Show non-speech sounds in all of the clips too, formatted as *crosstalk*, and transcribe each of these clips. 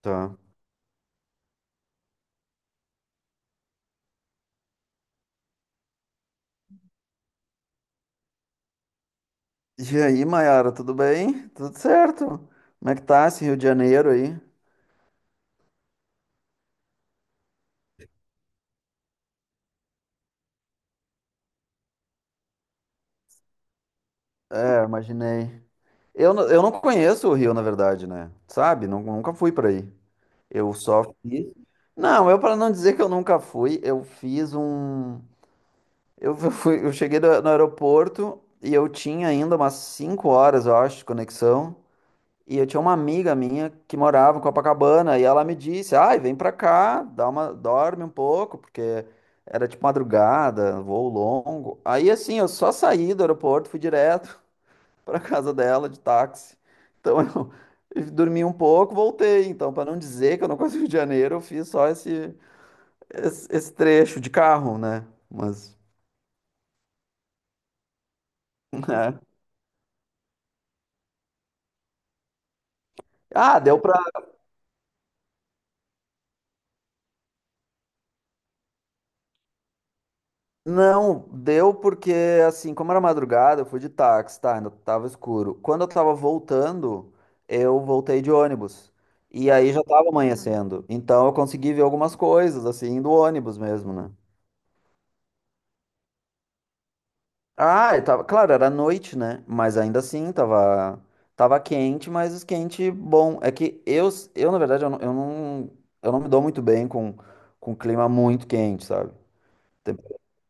Tá. E aí, Mayara, tudo bem? Tudo certo? Como é que tá esse Rio de Janeiro aí? É, imaginei. Eu, eu não conheço o Rio, na verdade, né? Sabe? Nunca fui pra aí. Eu só fiz. Não, eu para não dizer que eu nunca fui, eu fiz um. Eu fui, eu cheguei no aeroporto e eu tinha ainda umas 5 horas, eu acho, de conexão. E eu tinha uma amiga minha que morava em Copacabana e ela me disse: "Ai, vem pra cá, dá uma, dorme um pouco, porque era tipo madrugada, voo longo". Aí assim, eu só saí do aeroporto, fui direto *laughs* pra casa dela de táxi. Então eu *laughs* eu dormi um pouco, voltei. Então, pra não dizer que eu não conheço o Rio de Janeiro, eu fiz só esse trecho de carro, né? Mas *laughs* é. Ah, deu pra Não, deu porque, assim, como era madrugada, eu fui de táxi, tá? Ainda tava escuro. Quando eu tava voltando, eu voltei de ônibus. E aí já tava Ah, amanhecendo. Então eu consegui ver algumas coisas, assim, do ônibus mesmo, né? Ah, e tava, claro, era noite, né? Mas ainda assim, tava quente, mas quente bom. É que eu na verdade, eu não me dou muito bem com clima muito quente, sabe?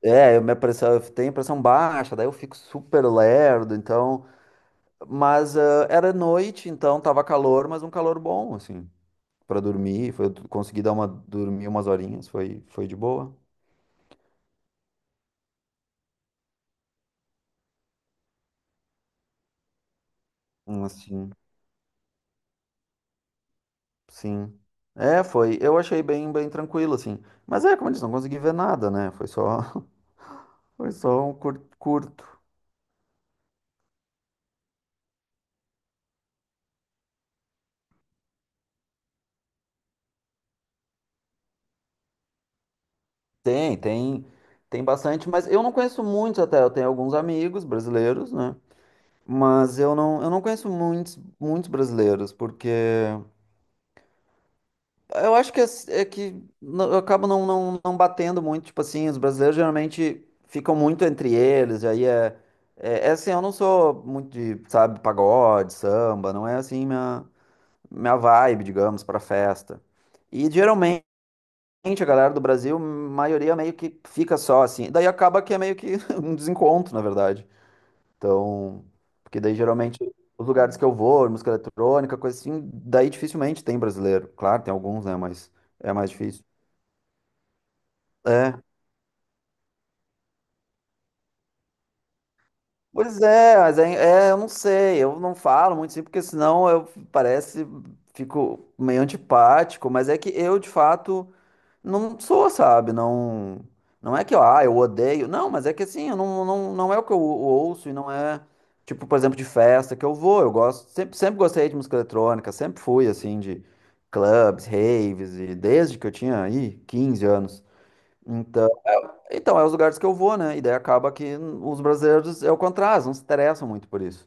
É, eu, minha pressão, eu tenho pressão baixa, daí eu fico super lerdo, então. Mas ah, era noite, então tava calor, mas um calor bom, assim, pra dormir. Foi, eu consegui dar uma, dormir umas horinhas, foi, foi de boa. Assim, sim. É, foi. Eu achei bem, bem tranquilo, assim. Mas é, como eu disse, não consegui ver nada, né? Foi só, *laughs* foi só um curto. Tem, tem, tem bastante, mas eu não conheço muitos até. Eu tenho alguns amigos brasileiros, né? Mas eu não conheço muitos, muitos brasileiros, porque eu acho que é, é que eu acabo não batendo muito, tipo assim. Os brasileiros geralmente ficam muito entre eles, e aí é assim, eu não sou muito de, sabe, pagode, samba, não é assim minha, minha vibe, digamos, para festa. E geralmente a galera do Brasil, a maioria meio que fica só assim, daí acaba que é meio que *laughs* um desencontro, na verdade. Então, porque daí geralmente os lugares que eu vou, música eletrônica, coisa assim, daí dificilmente tem brasileiro. Claro, tem alguns, né? Mas é mais difícil. É. Pois é, mas é, eu não sei, eu não falo muito assim, porque senão eu parece, fico meio antipático, mas é que eu, de fato, não sou, sabe? Não, não é que, ah, eu odeio. Não, mas é que assim, eu não é o que eu ouço e não é, tipo, por exemplo, de festa que eu vou. Eu gosto, sempre, sempre gostei de música eletrônica, sempre fui, assim, de clubs, raves, e desde que eu tinha aí 15 anos. Então, é os lugares que eu vou, né? E daí acaba que os brasileiros é o contrário, não se interessam muito por isso.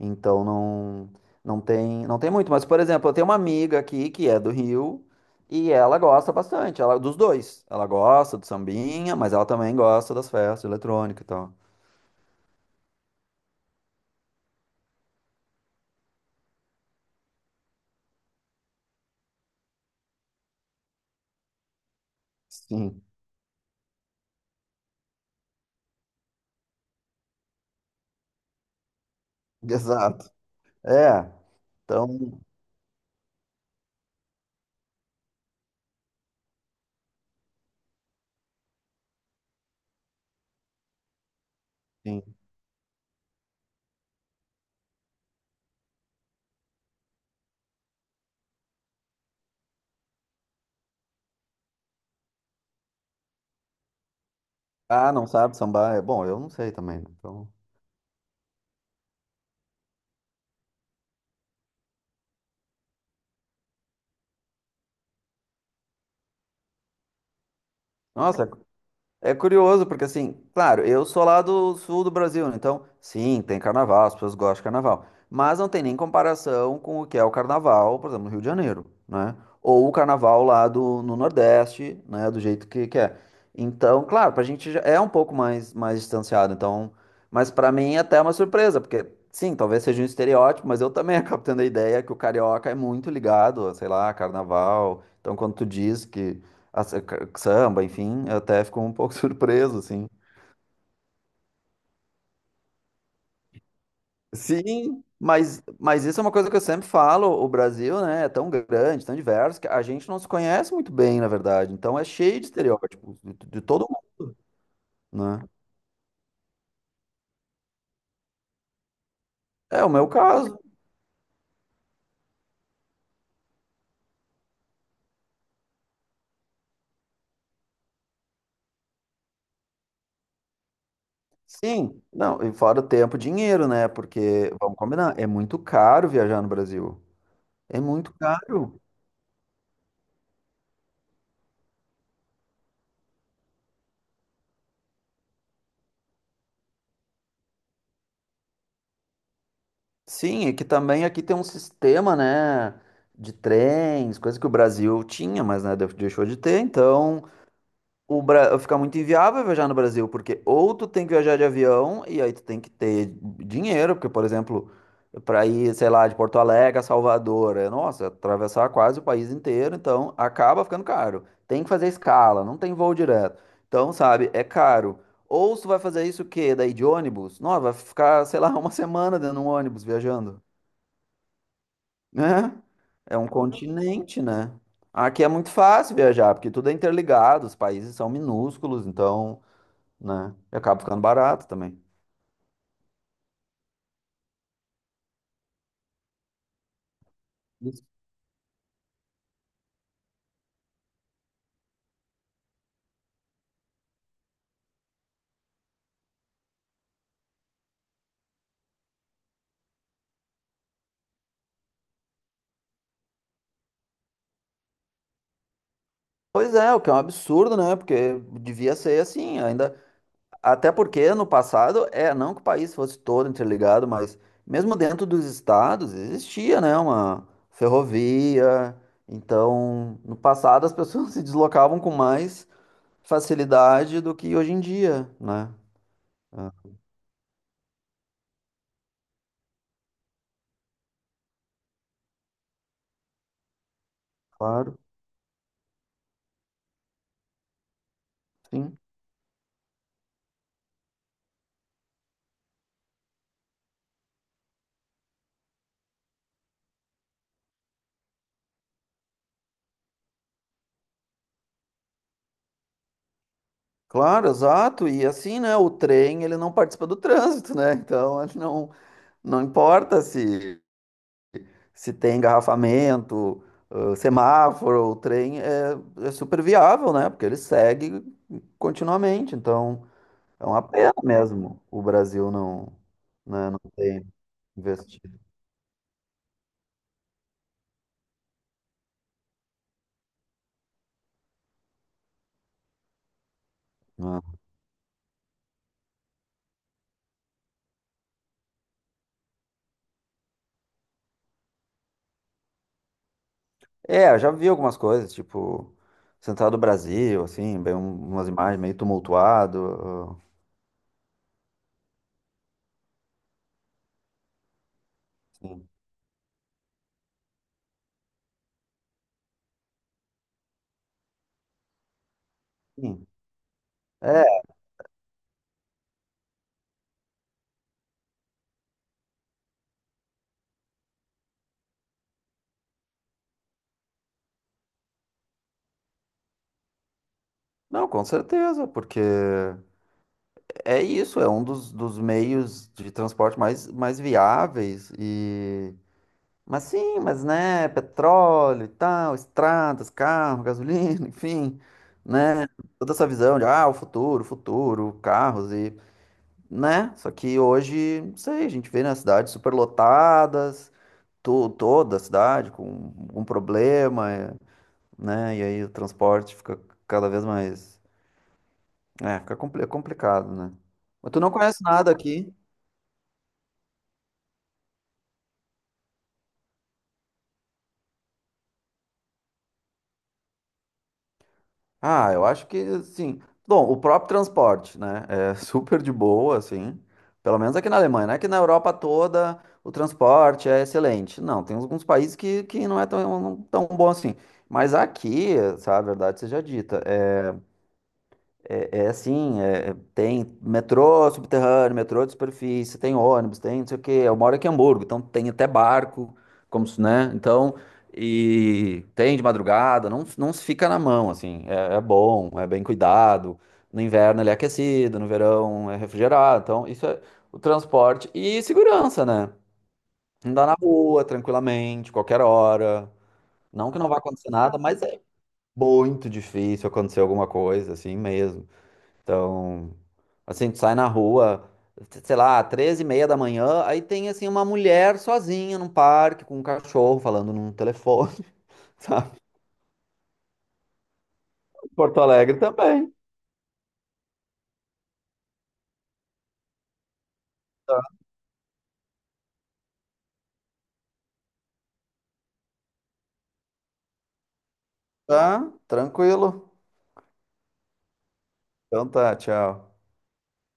Então não tem muito. Mas, por exemplo, eu tenho uma amiga aqui que é do Rio e ela gosta bastante, ela dos dois. Ela gosta do sambinha, mas ela também gosta das festas eletrônicas e tal. Sim, *laughs* exato. É, então, sim. Ah, não sabe sambar? É, bom, eu não sei também, né? Então, nossa, é curioso, porque assim, claro, eu sou lá do sul do Brasil, né? Então, sim, tem carnaval, as pessoas gostam de carnaval. Mas não tem nem comparação com o que é o carnaval, por exemplo, no Rio de Janeiro, né? Ou o carnaval lá do, no Nordeste, né? Do jeito que é. Então, claro, pra gente já é um pouco mais, mais distanciado, então. Mas pra mim é até uma surpresa, porque, sim, talvez seja um estereótipo, mas eu também *laughs* acabo tendo a ideia que o carioca é muito ligado a, sei lá, carnaval. Então, quando tu diz que as- samba, enfim, até ficou um pouco *laughs* surpreso, assim. Sim, mas isso é uma coisa que eu sempre falo, o Brasil, né, é tão grande, tão diverso, que a gente não se conhece muito bem, na verdade, então é cheio de estereótipos, de todo mundo, né? É o meu caso, sim. Não, e fora o tempo, dinheiro, né, porque, vamos combinar, é muito caro viajar no Brasil, é muito caro. Sim, é que também aqui tem um sistema, né, de trens, coisa que o Brasil tinha, mas, né, deixou de ter, então... O Bra... fica muito inviável viajar no Brasil, porque ou tu tem que viajar de avião e aí tu tem que ter dinheiro, porque, por exemplo, para ir, sei lá, de Porto Alegre a Salvador, é, nossa, atravessar quase o país inteiro, então acaba ficando caro. Tem que fazer escala, não tem voo direto. Então, sabe, é caro. Ou se tu vai fazer isso, o quê? Daí de ônibus? Nossa, vai ficar, sei lá, *laughs* uma semana dentro de um ônibus viajando, né. É um continente, né? Aqui é muito fácil viajar, porque tudo é interligado, os países são minúsculos, então, né? E acaba ficando barato também. Isso. Pois é, o que é um absurdo, né? Porque devia ser assim, ainda. Até porque no passado, é, não que o país fosse todo interligado, mas mesmo dentro dos estados existia, né, uma ferrovia. Então, no passado as pessoas *laughs* se deslocavam com mais facilidade do que hoje em dia, né? Ah, claro, sim. Claro, exato. E assim, né, o trem, ele não participa do trânsito, né? Então, *laughs* ele não, não importa se tem engarrafamento, semáforo, o trem, é, é super viável, né? Porque ele segue continuamente. Então, é uma pena mesmo o Brasil não, né, não ter investido. Né? É, eu já vi algumas coisas, tipo, Central do Brasil, assim, bem, umas imagens meio tumultuado. Assim. Sim. É, não, com certeza, porque é isso, é um dos, dos meios de transporte mais, mais viáveis e mas sim, mas né, petróleo e tal, estradas, carro, gasolina, *laughs* enfim, né? Toda essa visão de ah, o futuro, futuro, carros e, né? Só que hoje, não sei, a gente vê nas cidades superlotadas, to toda a cidade com algum problema, é, né? E aí o transporte fica cada vez mais, é, fica complicado, né? Mas tu não conhece nada aqui? Ah, eu acho que assim. Bom, o próprio transporte, né? É *laughs* super de boa, assim. Pelo menos aqui na Alemanha, não é que na Europa toda o transporte é excelente. Não, tem alguns países que não é tão bom assim. Mas aqui, sabe, a verdade seja dita. É assim, é, tem metrô subterrâneo, metrô de superfície, tem ônibus, tem não sei o quê. Eu moro aqui em Hamburgo, então tem até barco, como se, né? Então, e tem de madrugada, não se fica na mão, assim. É, é bom, é bem cuidado. No inverno ele é aquecido, no verão é refrigerado. Então, isso é o transporte e segurança, né? Andar na rua tranquilamente, qualquer hora. Não que não vá acontecer nada, mas é muito difícil acontecer alguma coisa, assim mesmo. Então, assim, tu sai na rua, sei lá, 13:30 da manhã, aí tem, assim, uma mulher sozinha num parque com um cachorro falando num telefone, *laughs* sabe? Porto Alegre também. Tá, tranquilo. Então tá, tchau.